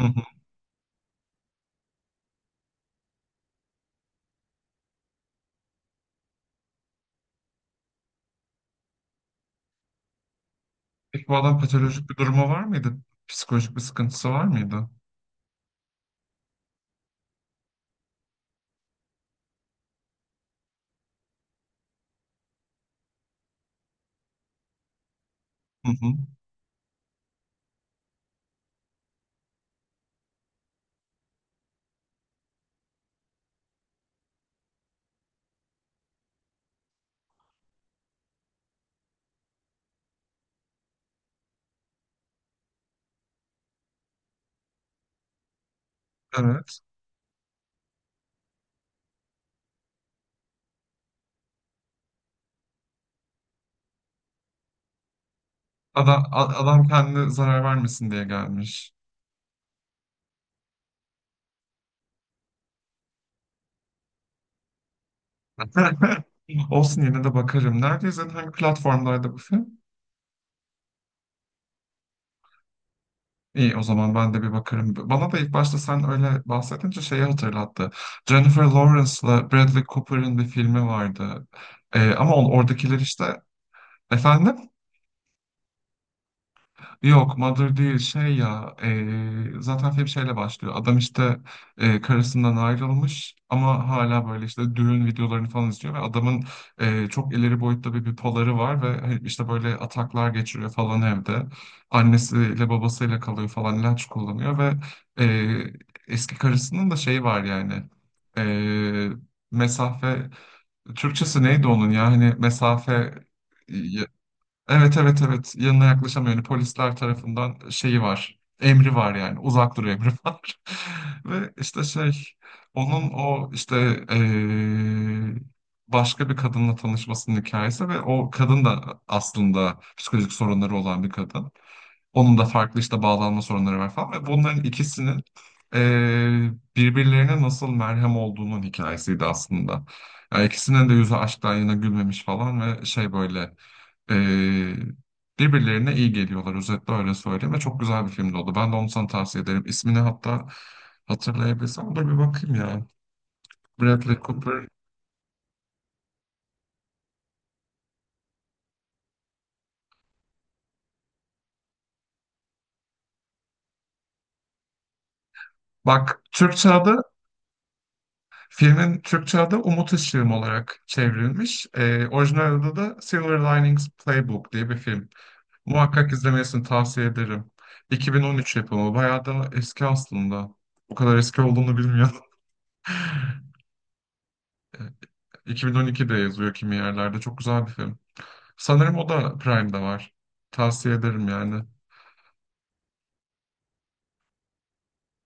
Hı hı. Peki bu adam patolojik bir durumu var mıydı? Psikolojik bir sıkıntısı var mıydı? Hı hı. Evet. Adam, adam kendine zarar vermesin diye gelmiş. Olsun yine de bakarım. Nerede izledin? Hangi platformlarda bu film? İyi o zaman ben de bir bakarım. Bana da ilk başta sen öyle bahsedince şeyi hatırlattı. Jennifer Lawrence'la Bradley Cooper'ın bir filmi vardı. Ama oradakiler işte... Efendim? Yok Mother değil şey ya zaten film şeyle başlıyor. Adam işte karısından ayrılmış ama hala böyle işte düğün videolarını falan izliyor ve adamın çok ileri boyutta bir bipoları var ve hani işte böyle ataklar geçiriyor falan evde. Annesiyle babasıyla kalıyor falan ilaç kullanıyor ve eee, eski karısının da şeyi var yani eee, mesafe Türkçesi neydi onun ya hani mesafe. Evet, evet, evet, yanına yaklaşamıyor. Yani polisler tarafından şeyi var. Emri var yani uzak dur emri var. Ve işte şey onun o işte eee, başka bir kadınla tanışmasının hikayesi ve o kadın da aslında psikolojik sorunları olan bir kadın. Onun da farklı işte bağlanma sorunları var falan ve bunların ikisinin birbirlerine nasıl merhem olduğunun hikayesiydi aslında. Yani ikisinin de yüzü aşktan yana gülmemiş falan ve şey böyle eee, birbirlerine iyi geliyorlar, özetle öyle söyleyeyim ve çok güzel bir filmdi oldu. Ben de onu sana tavsiye ederim. İsmini hatta hatırlayabilirsem dur bir bakayım ya. Bradley Cooper. Bak, Türkçe adı Filmin Türkçe adı Umut Işığım olarak çevrilmiş. Orijinal adı da Silver Linings Playbook diye bir film. Muhakkak izlemesini tavsiye ederim. 2013 yapımı. Bayağı da eski aslında. O kadar eski olduğunu bilmiyordum. Ee, 2012'de yazıyor kimi yerlerde. Çok güzel bir film. Sanırım o da Prime'da var. Tavsiye ederim yani.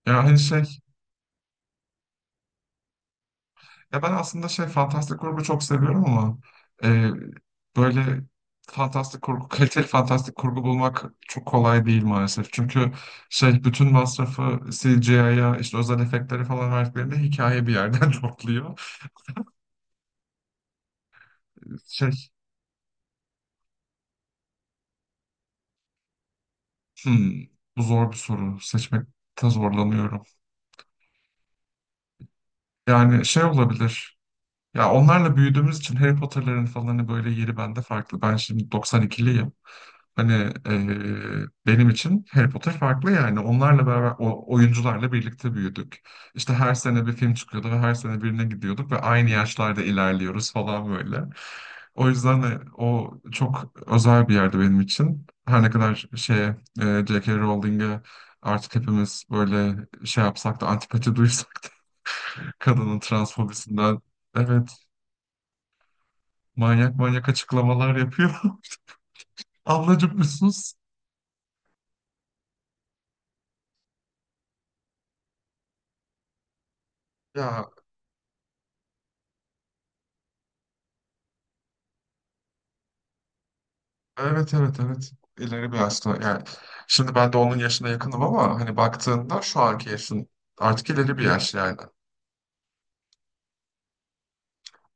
Ya hani şey. Ya ben aslında şey fantastik kurgu çok seviyorum ama e, böyle fantastik kurgu, kaliteli fantastik kurgu bulmak çok kolay değil maalesef. Çünkü şey bütün masrafı CGI'ya işte özel efektleri falan verdiklerinde hikaye bir yerden topluyor. Şey, hmm, bu zor bir soru. Seçmekte zorlanıyorum. Yani şey olabilir. Ya onlarla büyüdüğümüz için Harry Potter'ların falan hani böyle yeri bende farklı. Ben şimdi 92'liyim. Hani benim için Harry Potter farklı yani. Onlarla beraber, o oyuncularla birlikte büyüdük. İşte her sene bir film çıkıyordu ve her sene birine gidiyorduk ve aynı yaşlarda ilerliyoruz falan böyle. O yüzden de o çok özel bir yerde benim için. Her ne kadar şeye, J.K. Rowling'e artık hepimiz böyle şey yapsak da antipati duysak da, kadının transfobisinden, evet, manyak manyak açıklamalar yapıyor. Ablacım bir sus. Ya, evet, evet, evet. İleri bir yaşta yani şimdi ben de onun yaşına yakınım ama hani baktığında şu anki yaşın artık ileri bir yaş yani.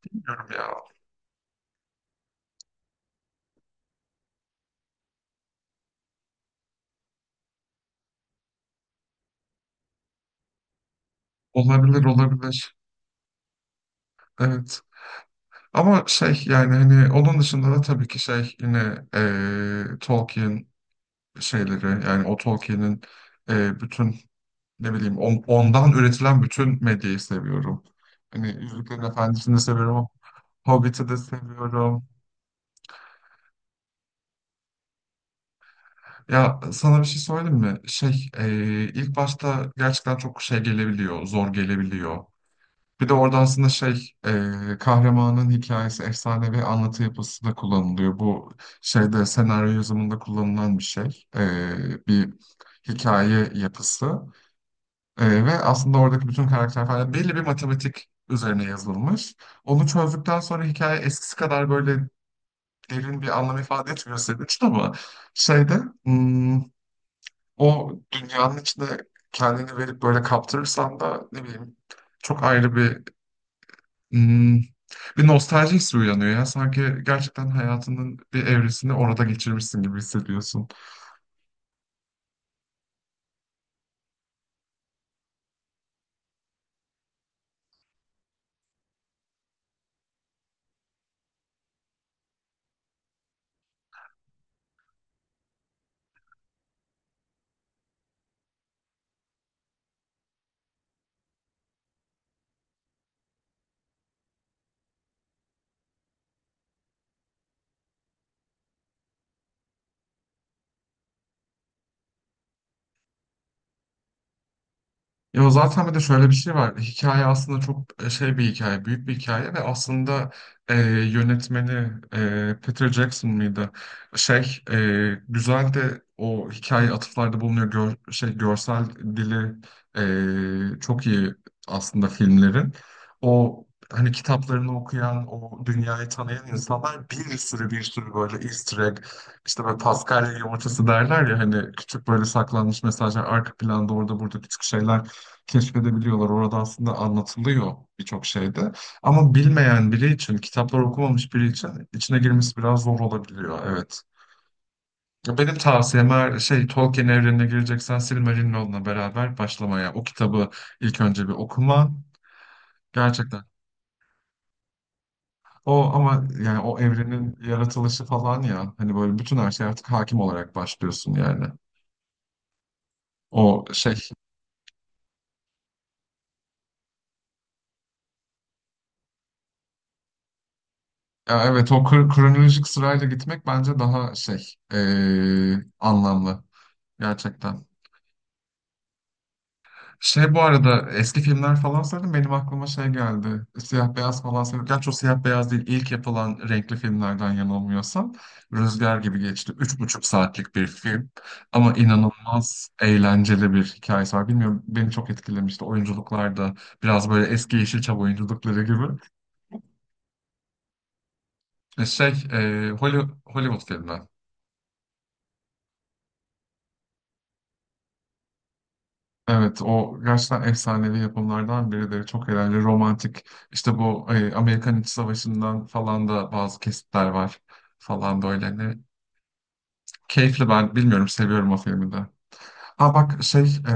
Bilmiyorum ya. Olabilir, olabilir. Evet. Ama şey yani hani onun dışında da tabii ki şey yine Tolkien şeyleri yani o Tolkien'in bütün ne bileyim ondan üretilen bütün medyayı seviyorum. Hani Yüzüklerin Efendisi'ni de seviyorum. Hobbit'i de seviyorum. Ya sana bir şey söyleyeyim mi? Şey, ilk başta gerçekten çok şey gelebiliyor, zor gelebiliyor. Bir de orada aslında şey, kahramanın hikayesi, efsane ve anlatı yapısı da kullanılıyor. Bu şeyde senaryo yazımında kullanılan bir şey, bir hikaye yapısı. Ve aslında oradaki bütün karakter falan belli bir matematik üzerine yazılmış. Onu çözdükten sonra hikaye eskisi kadar böyle derin bir anlam ifade etmiyor senin için ama şeyde. hmm, O dünyanın içinde kendini verip böyle kaptırırsan da ne bileyim çok ayrı bir hmm, bir nostalji hissi uyanıyor ya. Sanki gerçekten hayatının bir evresini orada geçirmişsin gibi hissediyorsun. Ya zaten bir de şöyle bir şey var. Hikaye aslında çok şey bir hikaye, büyük bir hikaye ve aslında e, yönetmeni Peter Jackson mıydı? Şey güzel de o hikaye atıflarda bulunuyor. Görsel dili çok iyi aslında filmlerin. O hani kitaplarını okuyan, o dünyayı tanıyan insanlar bir sürü bir sürü böyle Easter egg, işte böyle Paskalya yumurtası derler ya hani küçük böyle saklanmış mesajlar arka planda orada burada küçük şeyler keşfedebiliyorlar. Orada aslında anlatılıyor birçok şeyde. Ama bilmeyen biri için, kitaplar okumamış biri için içine girmesi biraz zor olabiliyor. Evet. Ya, benim tavsiyem eğer şey Tolkien evrenine gireceksen Silmarillion'la beraber başlamaya. O kitabı ilk önce bir okuman gerçekten. O ama yani o evrenin yaratılışı falan ya hani böyle bütün her şey artık hakim olarak başlıyorsun yani. O şey. Ya, evet, o kronolojik sırayla gitmek bence daha şey anlamlı. Gerçekten. Şey, bu arada eski filmler falan söyledim benim aklıma şey geldi. Siyah beyaz falan söyledim. Gerçi o siyah beyaz değil, İlk yapılan renkli filmlerden yanılmıyorsam. Rüzgar gibi geçti. 3,5 saatlik bir film. Ama inanılmaz eğlenceli bir hikayesi var. Bilmiyorum beni çok etkilemişti. Oyunculuklar da biraz böyle eski Yeşilçam oyunculukları gibi. Şey, Hollywood filmi. Evet, o gerçekten efsanevi yapımlardan birileri. Çok eğlenceli, romantik. İşte bu Amerikan İç Savaşı'ndan falan da bazı kesitler var falan böyle. Hani keyifli, ben bilmiyorum, seviyorum o filmi de. Ha bak şey,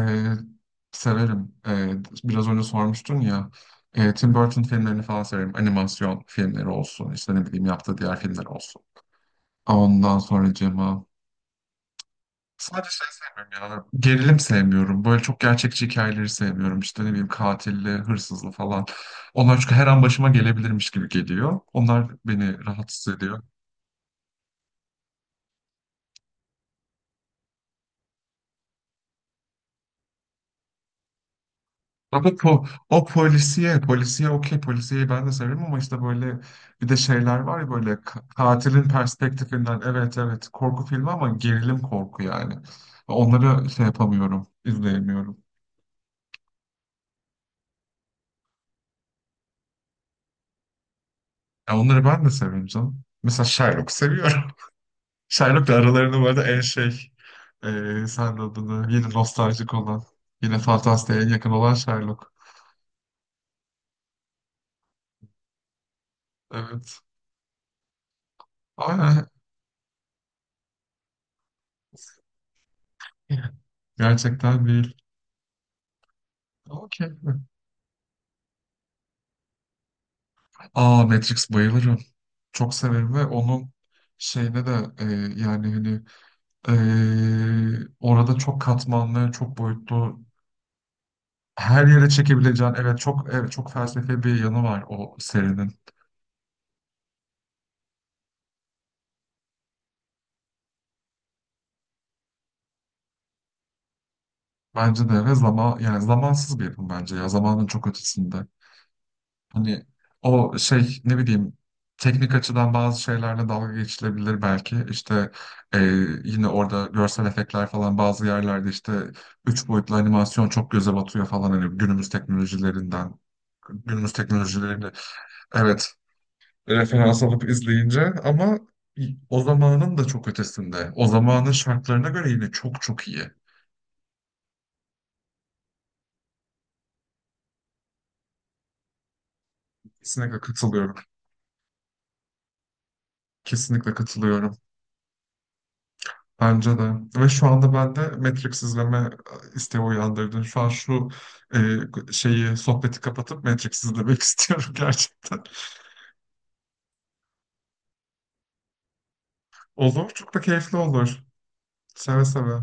severim. Biraz önce sormuştun ya, Tim Burton filmlerini falan severim. Animasyon filmleri olsun, işte ne bileyim yaptığı diğer filmler olsun. Ondan sonra Cema. Sadece şey sevmiyorum ya. Gerilim sevmiyorum. Böyle çok gerçekçi hikayeleri sevmiyorum. İşte ne bileyim katilli, hırsızlı falan. Onlar çünkü her an başıma gelebilirmiş gibi geliyor. Onlar beni rahatsız ediyor. Ama o polisiye, polisiye okey, polisiyeyi ben de severim ama işte böyle bir de şeyler var ya böyle katilin perspektifinden, evet, evet, korku filmi ama gerilim korku yani. Onları şey yapamıyorum, izleyemiyorum. Ya onları ben de severim canım. Mesela Sherlock seviyorum. Sherlock'la aralarında bu arada en şey sen de adını, yine nostaljik olan, yine fantastiğe yakın olan Sherlock. Evet. Ama gerçekten değil. Okey. Aa, Matrix bayılırım. Çok severim ve onun şeyine de yani hani orada çok katmanlı, çok boyutlu her yere çekebileceğin, evet, çok, evet, çok felsefi bir yanı var o serinin. Bence de ve zaman yani zamansız bir yapım bence ya, zamanın çok ötesinde. Hani o şey ne bileyim teknik açıdan bazı şeylerle dalga geçilebilir belki. İşte e, yine orada görsel efektler falan bazı yerlerde işte üç boyutlu animasyon çok göze batıyor falan hani günümüz teknolojilerinden günümüz teknolojilerini, evet, referans alıp izleyince ama o zamanın da çok ötesinde. O zamanın şartlarına göre yine çok çok iyi. Kesinlikle katılıyorum. Kesinlikle katılıyorum. Bence de. Ve şu anda bende Matrix izleme isteği uyandırdı. Şu an şu şeyi, sohbeti kapatıp Matrix izlemek istiyorum gerçekten. Olur. Çok da keyifli olur. Seve seve.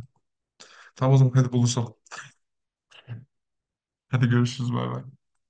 Tamam o zaman hadi buluşalım. Hadi görüşürüz. Bay bay.